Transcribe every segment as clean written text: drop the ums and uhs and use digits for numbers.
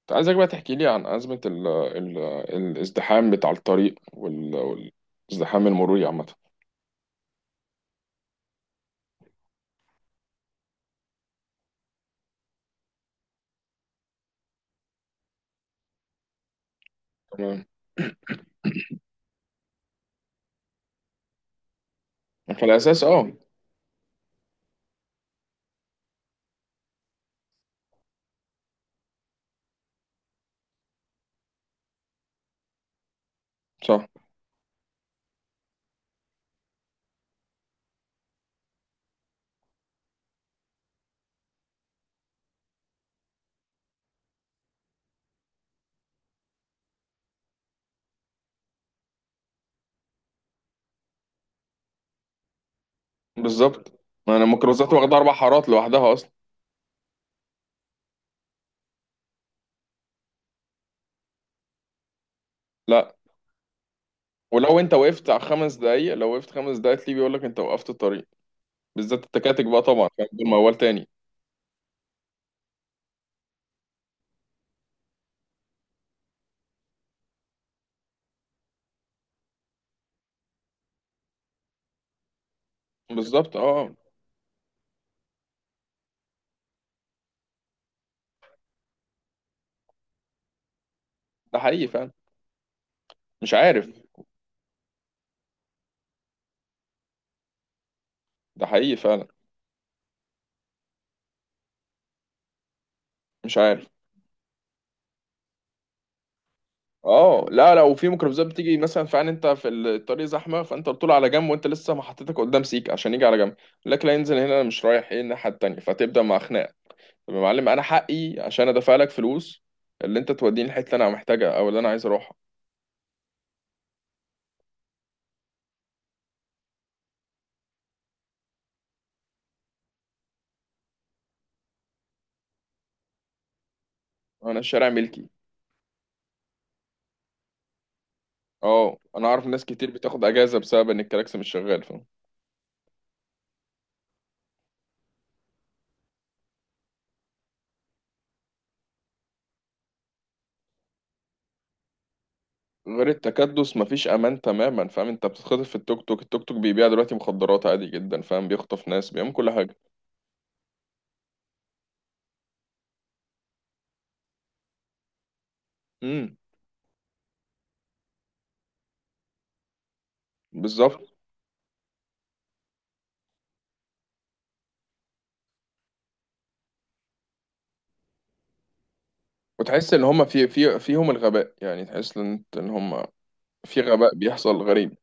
كنت عايزك بقى تحكي لي عن أزمة ال ال الازدحام بتاع الطريق والازدحام المروري عامة. تمام. في الأساس، اه. صح. بالظبط. ما أنا الميكروباصات واخدة 4 حارات لوحدها أصلا. لا. ولو أنت وقفت على 5 دقايق، لو وقفت 5 دقايق تلاقيه بيقول لك أنت وقفت الطريق، بالذات التكاتك بقى طبعا، فاهم؟ دول موال تاني. بالظبط، اه. ده حقيقي فعلا. مش عارف. ده حقيقي فعلا. مش عارف. اه، لا، لو في ميكروباصات بتيجي مثلا، فعلا انت في الطريق زحمه، فانت بتطول على جنب وانت لسه ما حطيتك قدام، سيك عشان يجي على جنب، يقول لك لا ينزل هنا، انا مش رايح، ايه الناحيه التانيه؟ فتبدا مع خناق. طب يا معلم، انا حقي عشان ادفع لك فلوس، اللي انت توديني الحته اللي انا محتاجها او اللي انا عايز اروحها. انا الشارع ملكي. اه، انا اعرف ناس كتير بتاخد اجازه بسبب ان الكلاكس مش شغال، فاهم. غير التكدس مفيش امان تماما، فاهم، انت بتتخطف في التوك توك. التوك توك بيبيع دلوقتي مخدرات عادي جدا، فاهم، بيخطف ناس، بيعمل كل حاجه. امم. بالظبط، وتحس ان هم في فيهم الغباء، يعني تحس ان ان هم في غباء بيحصل غريب.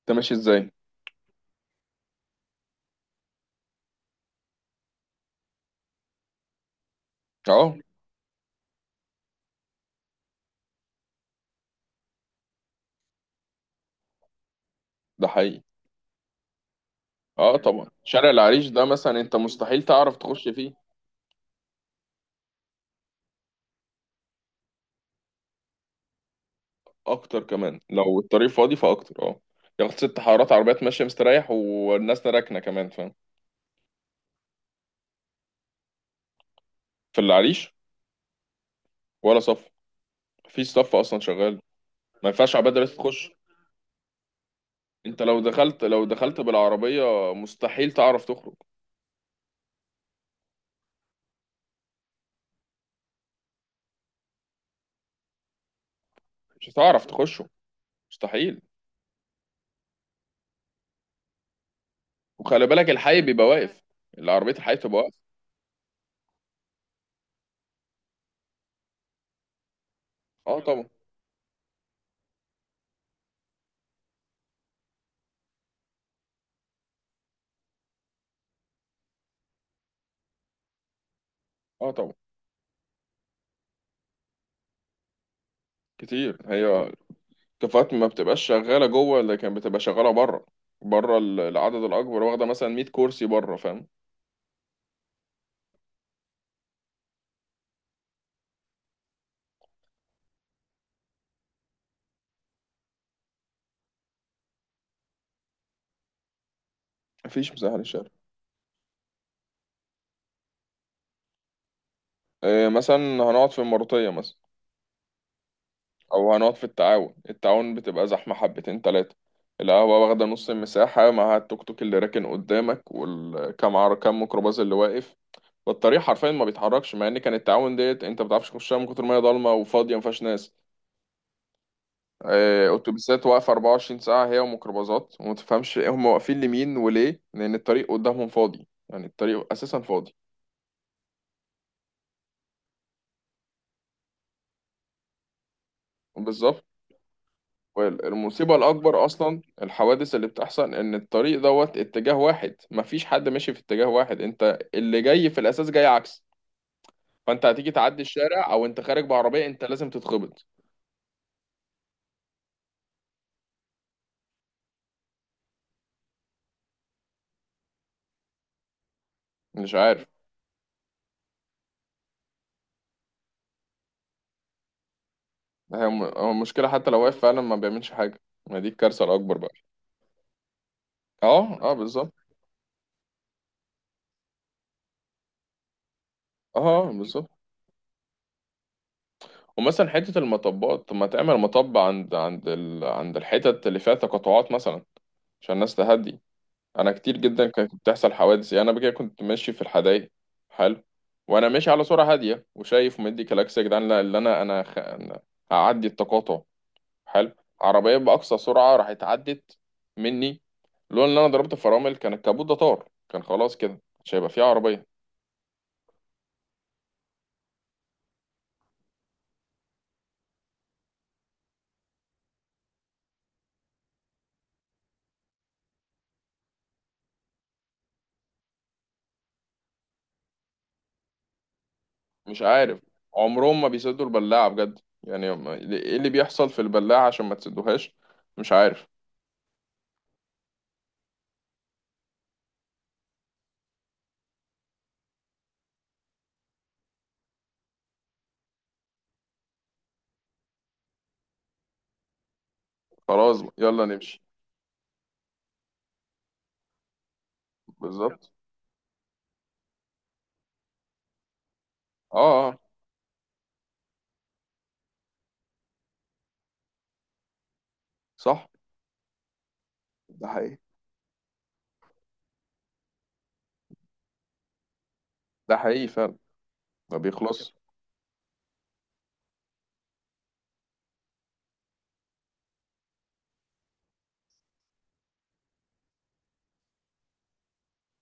انت ماشي ازاي؟ اه، ده حقيقي. اه طبعا، شارع العريش ده مثلا انت مستحيل تعرف تخش فيه. اكتر كمان، لو الطريق فاضي فاكتر، اه. ياخد 6 حارات، عربيات ماشيه مستريح والناس راكنه كمان، فاهم. في العريش؟ ولا صف. في صف اصلا شغال. ما ينفعش عباد دلوقتي تخش. انت لو دخلت بالعربيه مستحيل تعرف تخرج. مش هتعرف تخشه، مستحيل. وخلي بالك الحي بيبقى واقف. العربية، الحي بتبقى واقفة. اه طبعا. اه طبعا. كتير هي. كفاءات ما بتبقاش شغالة جوه، لكن بتبقى شغالة بره. بره العدد الأكبر واخدة مثلا 100 كرسي بره، فاهم. مفيش مساحة للشارع. إيه مثلا؟ هنقعد في المروطية مثلا. أو هنقعد في التعاون. التعاون بتبقى زحمة حبتين تلاتة. القهوة واخدة نص المساحة مع التوك توك اللي راكن قدامك، والكام عر كام ميكروباص اللي واقف. فالطريق حرفيا ما بيتحركش، مع ان كان التعاون ديت انت ما بتعرفش تخشها من كتر ما هي ضلمه وفاضيه ما فيهاش ناس. اتوبيسات واقفه 24 ساعه هي وميكروباصات، وما تفهمش هم واقفين لمين وليه، لان الطريق قدامهم فاضي، يعني الطريق اساسا فاضي. بالظبط. والمصيبه الاكبر اصلا الحوادث اللي بتحصل ان الطريق دوت اتجاه واحد، مفيش حد ماشي في اتجاه واحد، انت اللي جاي في الاساس جاي عكس. فانت هتيجي تعدي الشارع، او انت خارج بعربيه، انت لازم تتخبط. مش عارف. هي هو المشكله، حتى لو واقف فعلا ما بيعملش حاجه. ما دي الكارثه الاكبر بقى. اه اه، بالظبط. اه، بالظبط. ومثلا حتة المطبات، طب ما تعمل مطب عند عند الحتت اللي فيها تقاطعات مثلا، عشان الناس تهدي. انا كتير جدا كانت بتحصل حوادث، يعني انا بكده كنت ماشي في الحدايق. حلو. وانا ماشي على سرعة هادية، وشايف ومدي كلاكس يا جدعان، لا، اللي أنا هعدي التقاطع. حلو. عربية بأقصى سرعة راحت عدت مني، لولا ان انا ضربت فرامل كان الكابوت ده طار، كان خلاص كده مش هيبقى فيه عربية. مش عارف. عمرهم ما بيسدوا البلاعة بجد، يعني ايه اللي بيحصل في البلاعة عشان ما تسدوهاش؟ مش عارف. خلاص بقى، يلا نمشي. بالظبط. اه اه. صح، ده حقيقي، ده حقيقي فعلا، ما بيخلص.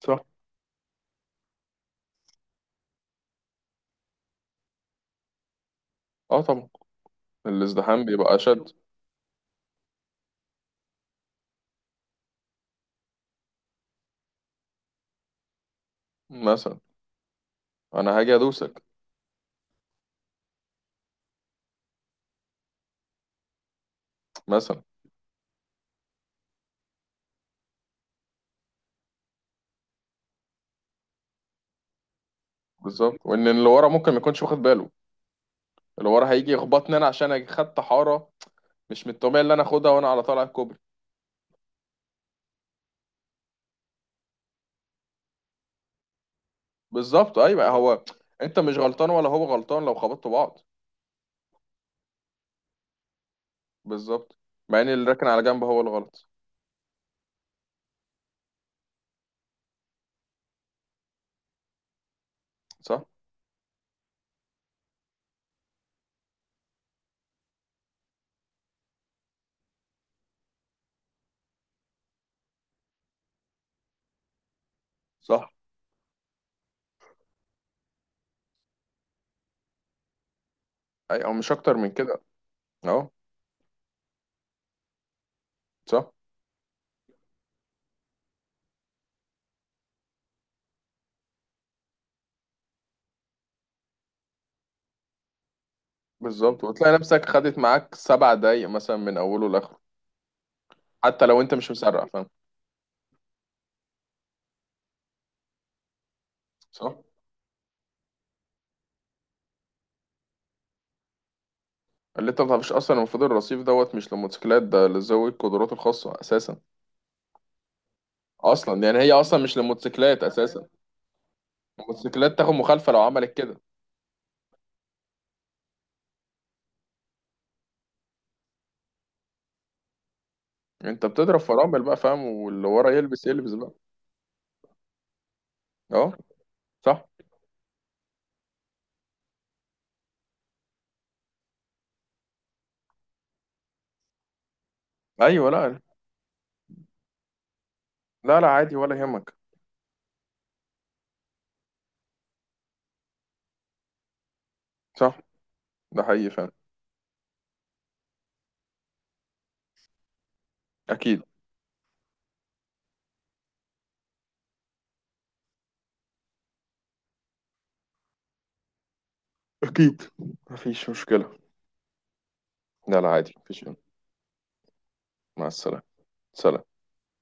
صح. اه طبعا، الازدحام بيبقى اشد. مثلا. انا هاجي ادوسك. مثلا. بالظبط، وان اللي ورا ممكن ما يكونش واخد باله، اللي ورا هيجي يخبطني انا عشان أنا خدت حارة، مش من الطبيعي اللي انا اخدها وانا على طالع الكوبري. بالظبط ايوه هو. انت مش غلطان ولا هو غلطان لو خبطتوا بعض. بالظبط، مع ان اللي راكن على جنب هو الغلط. صح. صح. اي او مش اكتر من كده. اهو. صح. بالظبط، وتلاقي نفسك خدت معاك 7 دقايق مثلا من اوله لاخره، حتى لو انت مش مسرع، فاهم. صح. اللي انت ما تعرفش اصلا المفروض الرصيف دوت مش للموتوسيكلات، ده لذوي القدرات الخاصه اساسا. اصلا يعني هي اصلا مش للموتوسيكلات اساسا. الموتوسيكلات تاخد مخالفه لو عملت كده. انت بتضرب فرامل بقى، فاهم، واللي ورا يلبس يلبس بقى. اهو. صح. ايوه، لا. لا لا، عادي ولا يهمك. صح، ده حقيقي، فاهم. اكيد. أكيد. مفيش مشكلة. لا لا، عادي، مفيش يوم. مع السلامة. سلام.